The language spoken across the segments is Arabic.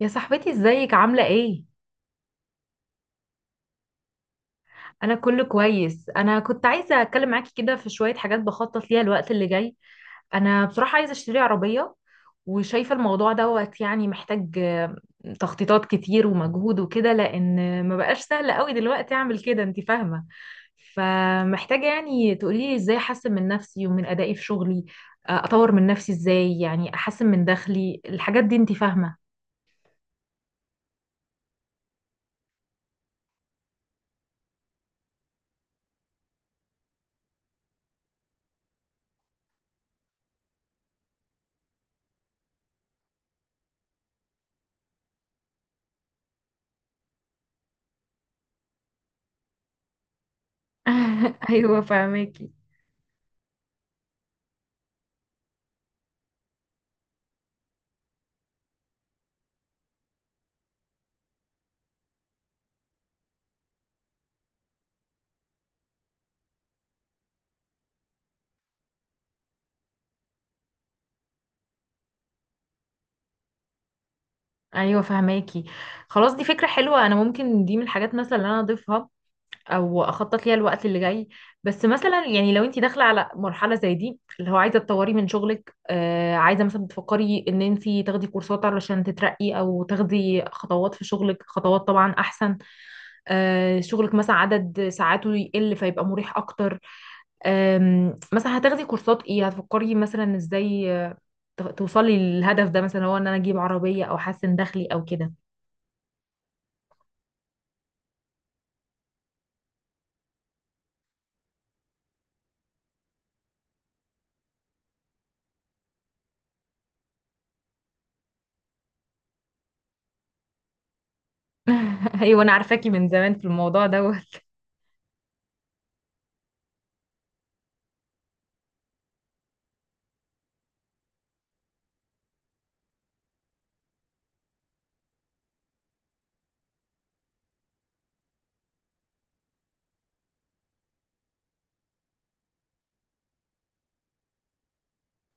يا صاحبتي ازيك عاملة ايه؟ انا كله كويس. انا كنت عايزة اتكلم معاكي كده في شوية حاجات بخطط ليها الوقت اللي جاي. انا بصراحة عايزة اشتري عربية، وشايفة الموضوع دوت يعني محتاج تخطيطات كتير ومجهود وكده، لان ما بقاش سهل قوي دلوقتي اعمل كده، انت فاهمة؟ فمحتاجة يعني تقوليلي ازاي احسن من نفسي ومن ادائي في شغلي، اطور من نفسي ازاي، يعني احسن من دخلي الحاجات دي، انت فاهمة؟ ايوه فاهمك. ايوه فهماكي. خلاص، دي فكره حلوه، انا ممكن دي من الحاجات مثلا اللي انا اضيفها او اخطط ليها الوقت اللي جاي. بس مثلا يعني لو انت داخله على مرحله زي دي، اللي هو عايزه تطوري من شغلك، عايزه مثلا بتفكري ان انت تاخدي كورسات علشان تترقي، او تاخدي خطوات في شغلك، خطوات طبعا احسن. شغلك مثلا عدد ساعاته يقل، فيبقى مريح اكتر. مثلا هتاخدي كورسات ايه، هتفكري مثلا ازاي توصلي للهدف ده، مثلا هو ان انا اجيب عربيه او احسن دخلي او كده. ايوه انا عارفاكي من زمان في الموضوع دوت.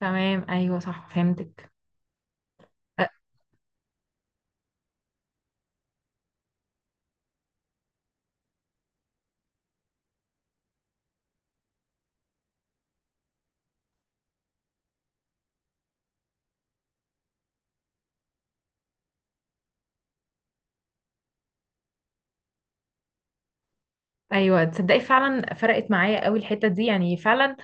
تمام، ايوه، صح، فهمتك. أ- ايوه تصدقي فعلا فرقت معايا قوي الحته دي، يعني فعلا.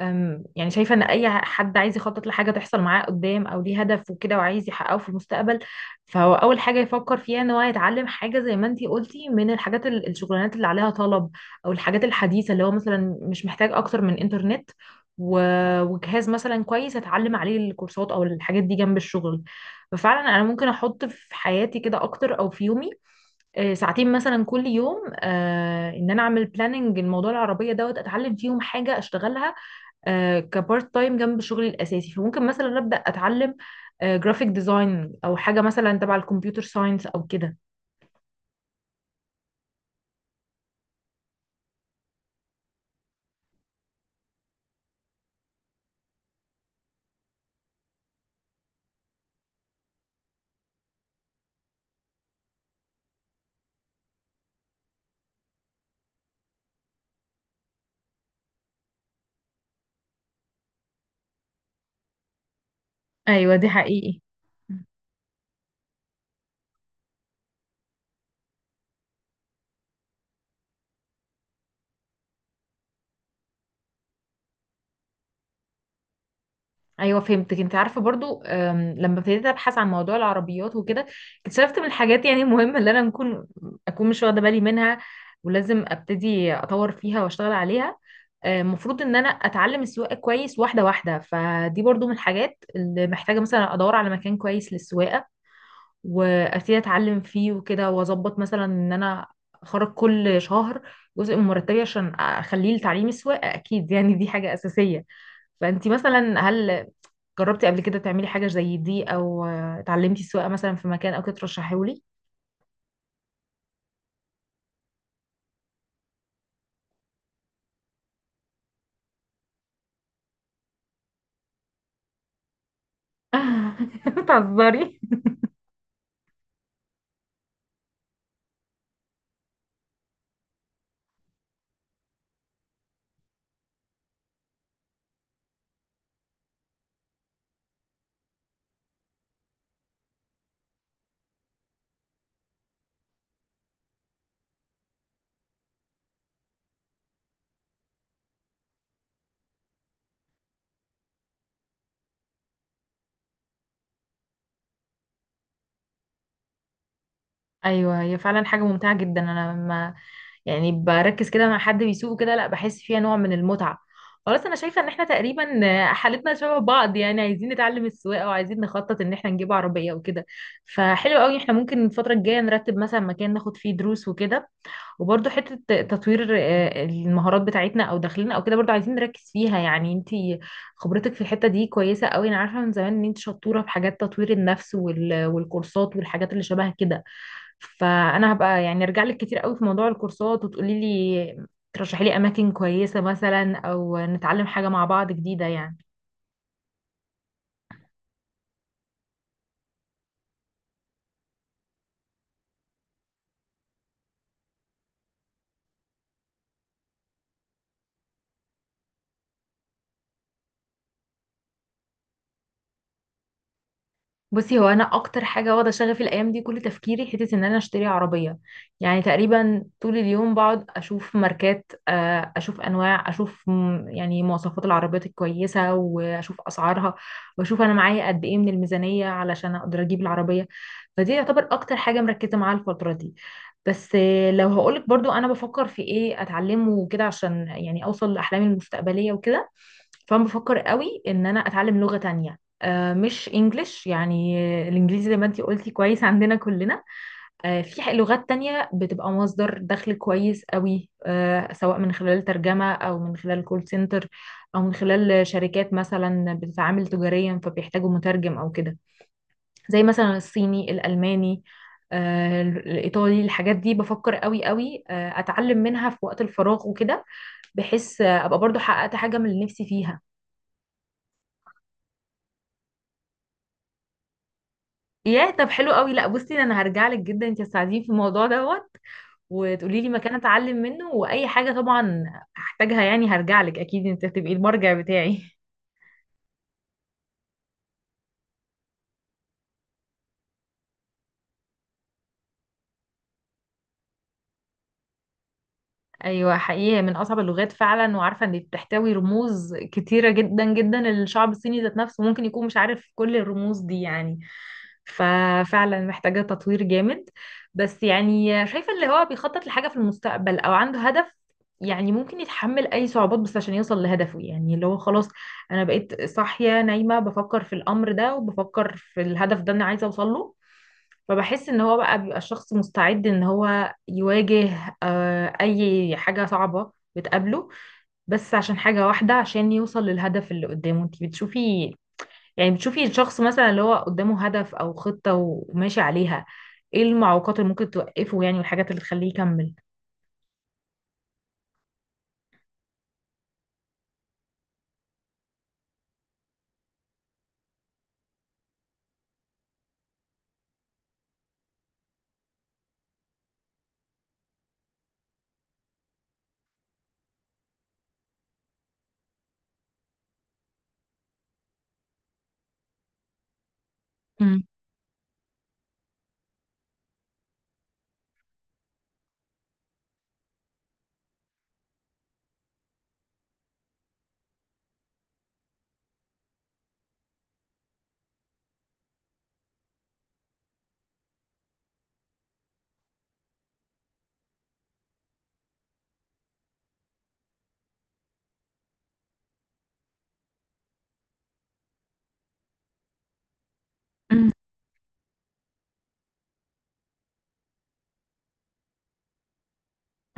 يعني شايفة ان اي حد عايز يخطط لحاجة تحصل معاه قدام، او ليه هدف وكده وعايز يحققه في المستقبل، فهو اول حاجة يفكر فيها ان هو يتعلم حاجة زي ما انتي قلتي من الحاجات الشغلانات اللي عليها طلب، او الحاجات الحديثة اللي هو مثلا مش محتاج اكتر من انترنت و- وجهاز مثلا كويس اتعلم عليه الكورسات او الحاجات دي جنب الشغل. ففعلا انا ممكن احط في حياتي كده اكتر، او في يومي ساعتين مثلا كل يوم، ان انا اعمل بلاننج الموضوع العربية دوت، اتعلم فيهم حاجة اشتغلها كبارت تايم جنب شغلي الاساسي. فممكن مثلا ابدا اتعلم جرافيك ديزاين، او حاجه مثلا تبع الكمبيوتر ساينس او كده. ايوه دي حقيقي. ايوه فهمتك. انت عارفه برضو، لما ابتديت ابحث عن موضوع العربيات وكده، اكتشفت من الحاجات يعني المهمه اللي انا اكون مش واخده بالي منها، ولازم ابتدي اطور فيها واشتغل عليها. المفروض ان انا اتعلم السواقه كويس واحده واحده، فدي برضو من الحاجات اللي محتاجه مثلا ادور على مكان كويس للسواقه، وابتدي اتعلم فيه وكده، واظبط مثلا ان انا اخرج كل شهر جزء من مرتبي عشان اخليه لتعليم السواقه، اكيد يعني دي حاجه اساسيه. فانتي مثلا هل جربتي قبل كده تعملي حاجه زي دي، او اتعلمتي السواقه مثلا في مكان او كده ترشحيهولي؟ بتهزري؟ ايوه هي فعلا حاجه ممتعه جدا. انا لما يعني بركز كده مع حد بيسوقه كده، لا بحس فيها نوع من المتعة. خلاص، انا شايفة ان احنا تقريبا حالتنا شبه بعض، يعني عايزين نتعلم السواقة، وعايزين نخطط ان احنا نجيب عربية وكده. فحلو قوي، احنا ممكن الفترة الجاية نرتب مثلا مكان ناخد فيه دروس وكده، وبرضه حتة تطوير المهارات بتاعتنا او داخلنا او كده برضه عايزين نركز فيها. يعني انتي خبرتك في الحتة دي كويسة قوي، انا عارفة من زمان ان انت شطورة في حاجات تطوير النفس وال- والكورسات والحاجات اللي شبه كده. فانا هبقى يعني ارجع لك كتير قوي في موضوع الكورسات، وتقولي لي، ترشحي لي اماكن كويسة مثلا، او نتعلم حاجة مع بعض جديدة يعني. بصي، هو انا اكتر حاجه واخده شغفي الايام دي كل تفكيري، حته ان انا اشتري عربيه. يعني تقريبا طول اليوم بقعد اشوف ماركات، اشوف انواع، اشوف يعني مواصفات العربيات الكويسه، واشوف اسعارها، واشوف انا معايا قد ايه من الميزانيه علشان اقدر اجيب العربيه. فدي يعتبر اكتر حاجه مركزه معاها الفتره دي. بس لو هقولك برضو انا بفكر في ايه اتعلمه وكده عشان يعني اوصل لاحلامي المستقبليه وكده، فانا بفكر قوي ان انا اتعلم لغه تانية، مش انجليش يعني. الانجليزي زي ما انتي قلتي كويس عندنا كلنا. في لغات تانية بتبقى مصدر دخل كويس قوي، سواء من خلال ترجمة او من خلال كول سنتر، او من خلال شركات مثلا بتتعامل تجاريا فبيحتاجوا مترجم او كده. زي مثلا الصيني، الالماني، الايطالي، الحاجات دي بفكر قوي قوي اتعلم منها في وقت الفراغ وكده، بحيث ابقى برضو حققت حاجة من اللي نفسي فيها. ياه طب حلو قوي. لا بصي، انا هرجع لك جدا انت تساعديني في الموضوع دوت، وتقولي لي مكان اتعلم منه، واي حاجه طبعا هحتاجها يعني هرجع لك اكيد. انت هتبقي المرجع بتاعي. ايوه حقيقي، هي من اصعب اللغات فعلا، وعارفه ان بتحتوي رموز كتيره جدا جدا. الشعب الصيني ذات نفسه ممكن يكون مش عارف كل الرموز دي يعني. ففعلا محتاجة تطوير جامد. بس يعني شايفة اللي هو بيخطط لحاجة في المستقبل أو عنده هدف، يعني ممكن يتحمل أي صعوبات بس عشان يوصل لهدفه. يعني اللي هو خلاص، أنا بقيت صاحية نايمة بفكر في الأمر ده، وبفكر في الهدف ده أنا عايزة أوصل له. فبحس إن هو بقى بيبقى الشخص مستعد إن هو يواجه أي حاجة صعبة بتقابله، بس عشان حاجة واحدة، عشان يوصل للهدف اللي قدامه. انتي بتشوفي، يعني بتشوفي الشخص مثلا اللي هو قدامه هدف او خطة وماشي عليها، ايه المعوقات اللي ممكن توقفه يعني، والحاجات اللي تخليه يكمل؟ مم. مم.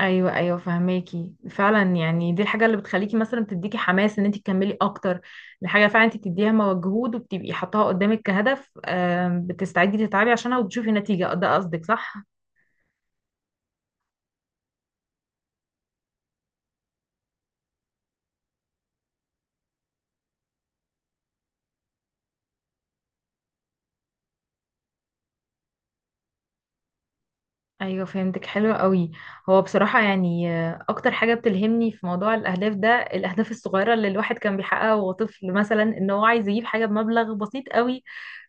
ايوه ايوه فهماكي فعلا. يعني دي الحاجه اللي بتخليكي مثلا، بتديكي حماس ان انت تكملي اكتر. الحاجه فعلا انت بتديها مجهود وبتبقي حاطاها قدامك كهدف، بتستعدي تتعبي عشانها، وبتشوفي نتيجه، ده قصدك صح؟ ايوه فهمتك، حلو قوي. هو بصراحه يعني اكتر حاجه بتلهمني في موضوع الاهداف ده، الاهداف الصغيره اللي الواحد كان بيحققها وهو طفل، مثلا ان هو عايز يجيب حاجه بمبلغ بسيط قوي،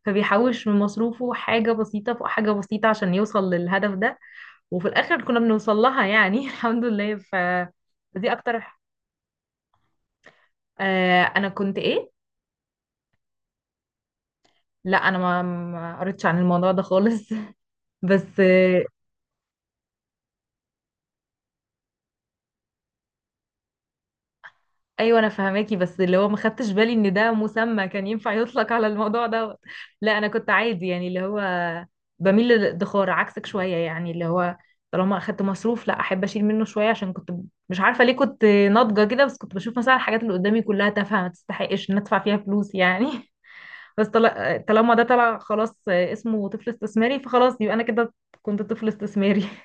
فبيحوش من مصروفه حاجه بسيطه فوق حاجه بسيطه عشان يوصل للهدف ده، وفي الاخر كنا بنوصل لها يعني. الحمد لله، ف دي اكتر. آه، انا كنت ايه؟ لا انا ما قريتش عن الموضوع ده خالص. بس ايوه انا فهماكي، بس اللي هو ما خدتش بالي ان ده مسمى كان ينفع يطلق على الموضوع دوت. لا انا كنت عادي، يعني اللي هو بميل للادخار عكسك شويه، يعني اللي هو طالما اخدت مصروف، لا احب اشيل منه شويه. عشان كنت مش عارفه ليه كنت ناضجه كده، بس كنت بشوف مثلا الحاجات اللي قدامي كلها تافهه، ما تستحقش ان ادفع فيها فلوس يعني. بس طالما ده طلع خلاص اسمه طفل استثماري، فخلاص يبقى انا كده كنت طفل استثماري.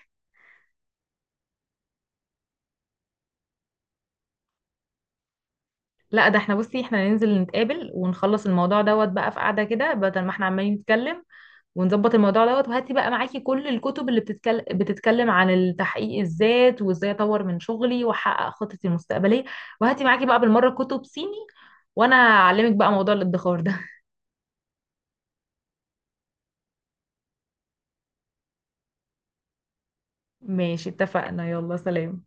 لا ده احنا، بصي احنا ننزل نتقابل ونخلص الموضوع دوت بقى في قعده كده، بدل ما احنا عمالين نتكلم، ونظبط الموضوع دوت. وهاتي بقى معاكي كل الكتب اللي بتتكلم عن التحقيق الذات، وازاي اطور من شغلي واحقق خطتي المستقبليه. وهاتي معاكي بقى بالمره كتب صيني، وانا هعلمك بقى موضوع الادخار ده. ماشي، اتفقنا، يلا سلام.